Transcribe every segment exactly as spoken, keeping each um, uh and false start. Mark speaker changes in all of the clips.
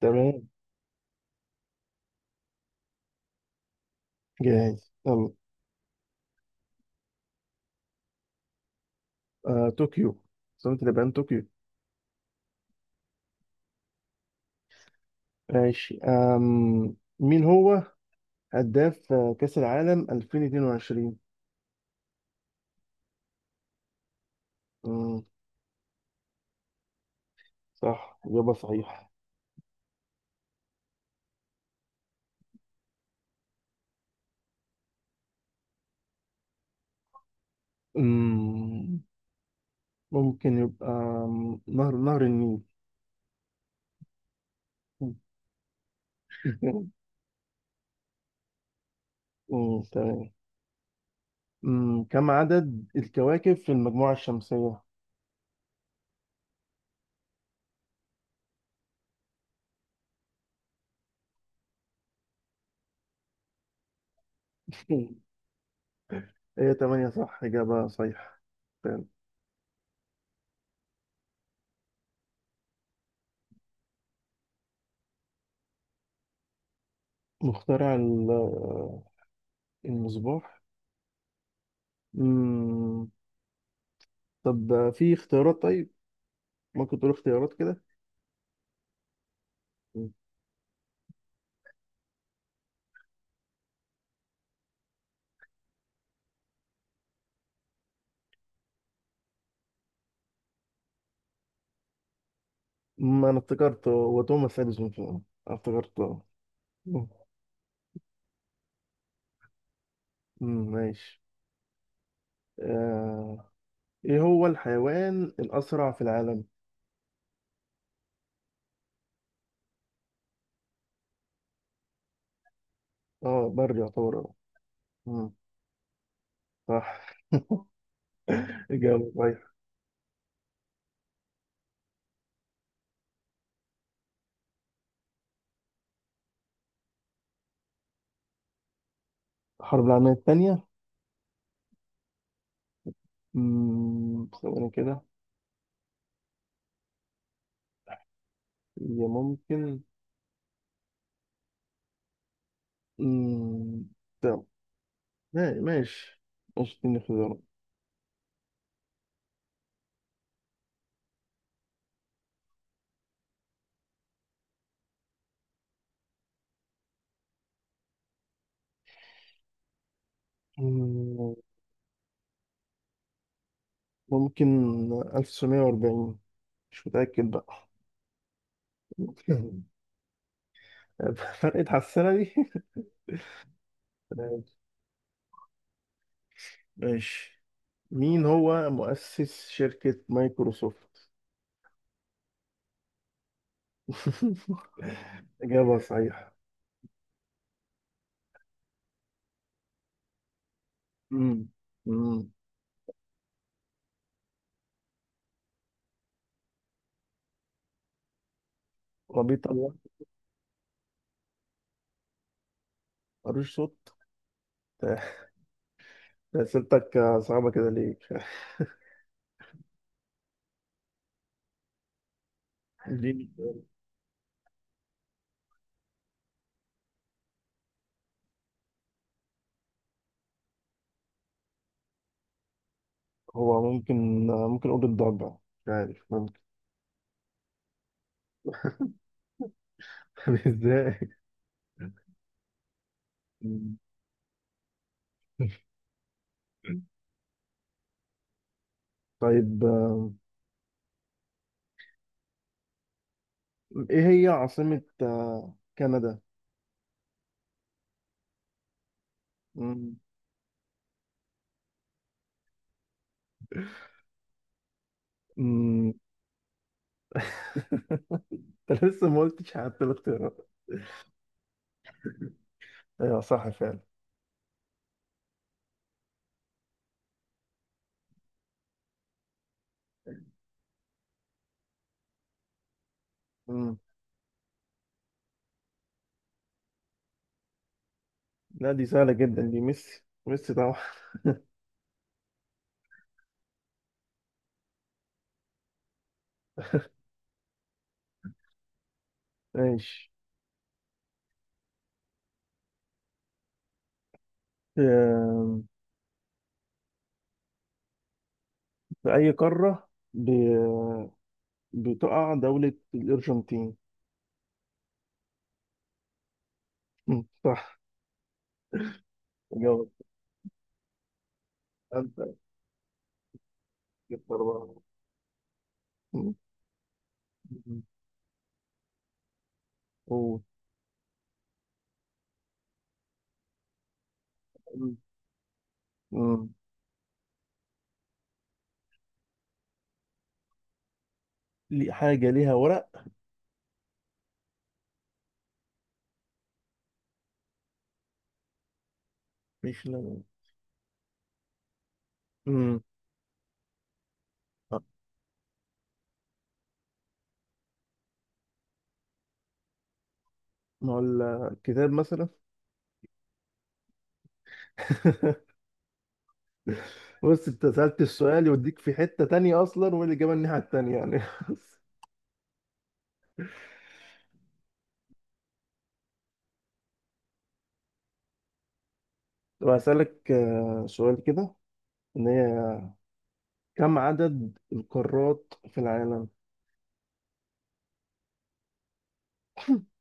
Speaker 1: تمام. جاهز يلا. آه، طوكيو. سمت اليابان طوكيو. ماشي. آم... مين هو هداف آه، كأس العالم ألفين واتنين وعشرين. مم. صح. إجابة صحيحة. مم. ممكن يبقى آم، نهر نهر النيل. مم. تمام. مم. كم عدد الكواكب في المجموعة الشمسية؟ هي تمانية. صح. إجابة صحيحة. تمام. مخترع ال- آه، المصباح. مم. طب آه، في اختيارات. طيب ممكن تقول اختيارات كده. ما انا افتكرت هو توماس اديسون فعلا. افتكرته. مم. مم، ماشي. آه. ايه هو الحيوان الاسرع في العالم؟ اه، بري يعتبر. آه. مم، صح. اجابه صحيحه. الحرب العالميه الثانيه. ثواني كده. هي ممكن. مم، طب ما- ماشي. ماشي اديني اختيارات. مم، ممكن ألف وتسعمية وأربعين. مش متاكد بقى. فرقة على السنة دي. تمام. ماشي. مين هو مؤسس شركة مايكروسوفت؟ إجابة صحيحة. امم. امم. ربيط الله. ملوش صوت. ده أسئلتك صعبة كده ليه؟ ليه. هو ممكن ممكن أقول الضبع. مش عارف. ممكن. طب إزاي؟ مم. طيب آم، إيه هي عاصمة آه، كندا؟ مم. مم. أنت لسه ما قلتش حتى الاختيارات. أيوة، صح فعلا. لا، دي سهلة جدا. دي ميسي، ميسي طبعا. ماشي. آم، في أي قارة ب... بتقع دولة الأرجنتين؟ مم، صح. جواب. أنت جبت أربعة. مم. مم. أوه. مم. مم. لي- حاجة ليها ورق. مش لون. مم. آه، ما هو الكتاب مثلا. بص، أنت سألت السؤال يوديك في حتة تانية أصلا والإجابة الناحية التانية، يعني، بس. طب هسألك آه، سؤال كده. إن هي كم عدد القارات في العالم؟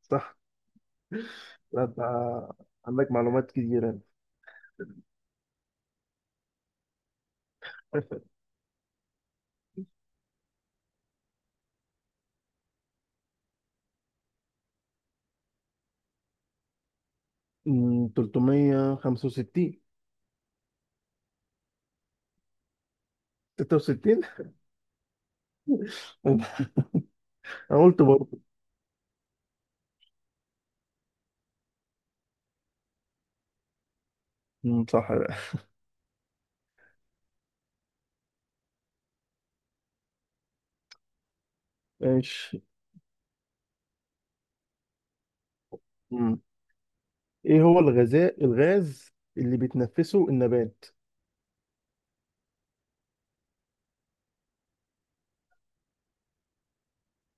Speaker 1: صح. لا، أنت عندك معلومات كتيرة. أمم، تلتمية وخمسة وستين. ستة وستين. أنا قلت برضه. أمم، صح بقى. ماشي. أمم. إيه هو الغذاء، الغاز اللي بيتنفسه النبات؟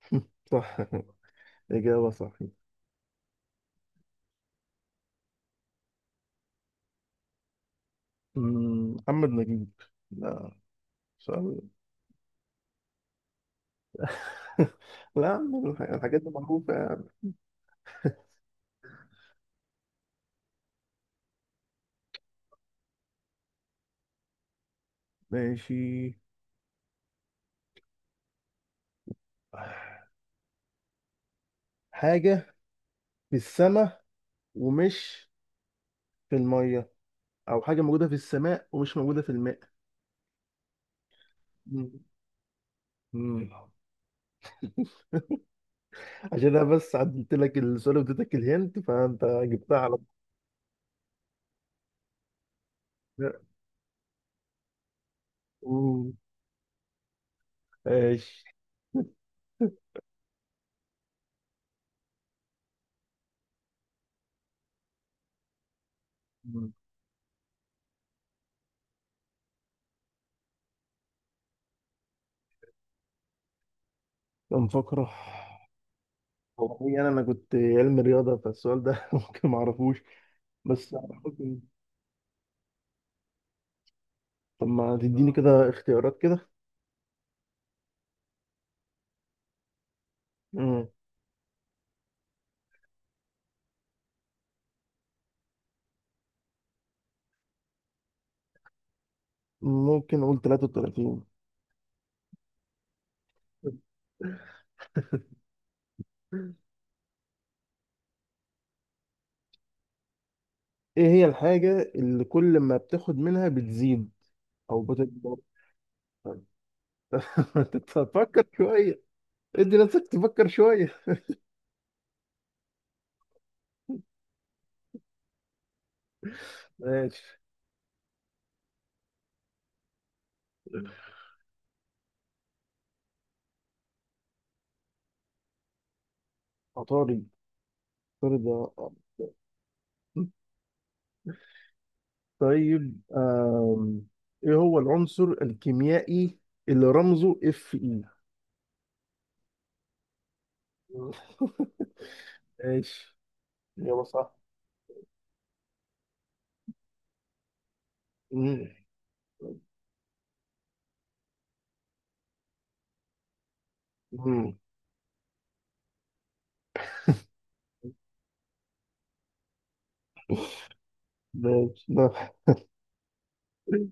Speaker 1: صح. إجابة صحيحة. أمم، محمد نجيب. لا، سؤال. لا، يا عم، الح- الحاجات دي معروفة يعني. ماشي. حاجة في السماء ومش في المية، او حاجه موجوده في السماء ومش موجوده في الماء. مم. مم. عشان انا بس عدلت لك السؤال واديتك الهنت فانت جبتها على طول. مم. ماشي. مم. كان فقره. والله انا انا كنت علم رياضه فالسؤال ده. ممكن ما اعرفوش. بس ممكن. طب ما تديني كده اختيارات كده. مم. ممكن اقول تلاتة وتلاتين. ايه هي الحاجه اللي كل ما بتاخد منها بتزيد او بتكبر؟ انت تفكر شويه. ادي نفسك تفكر شويه. ماشي. عطارد، عطارد. آه. طيب. آم. ايه هو العنصر الكيميائي اللي رمزه اف اي؟ ماشي. إجابة صح. مم. مم. ماشي.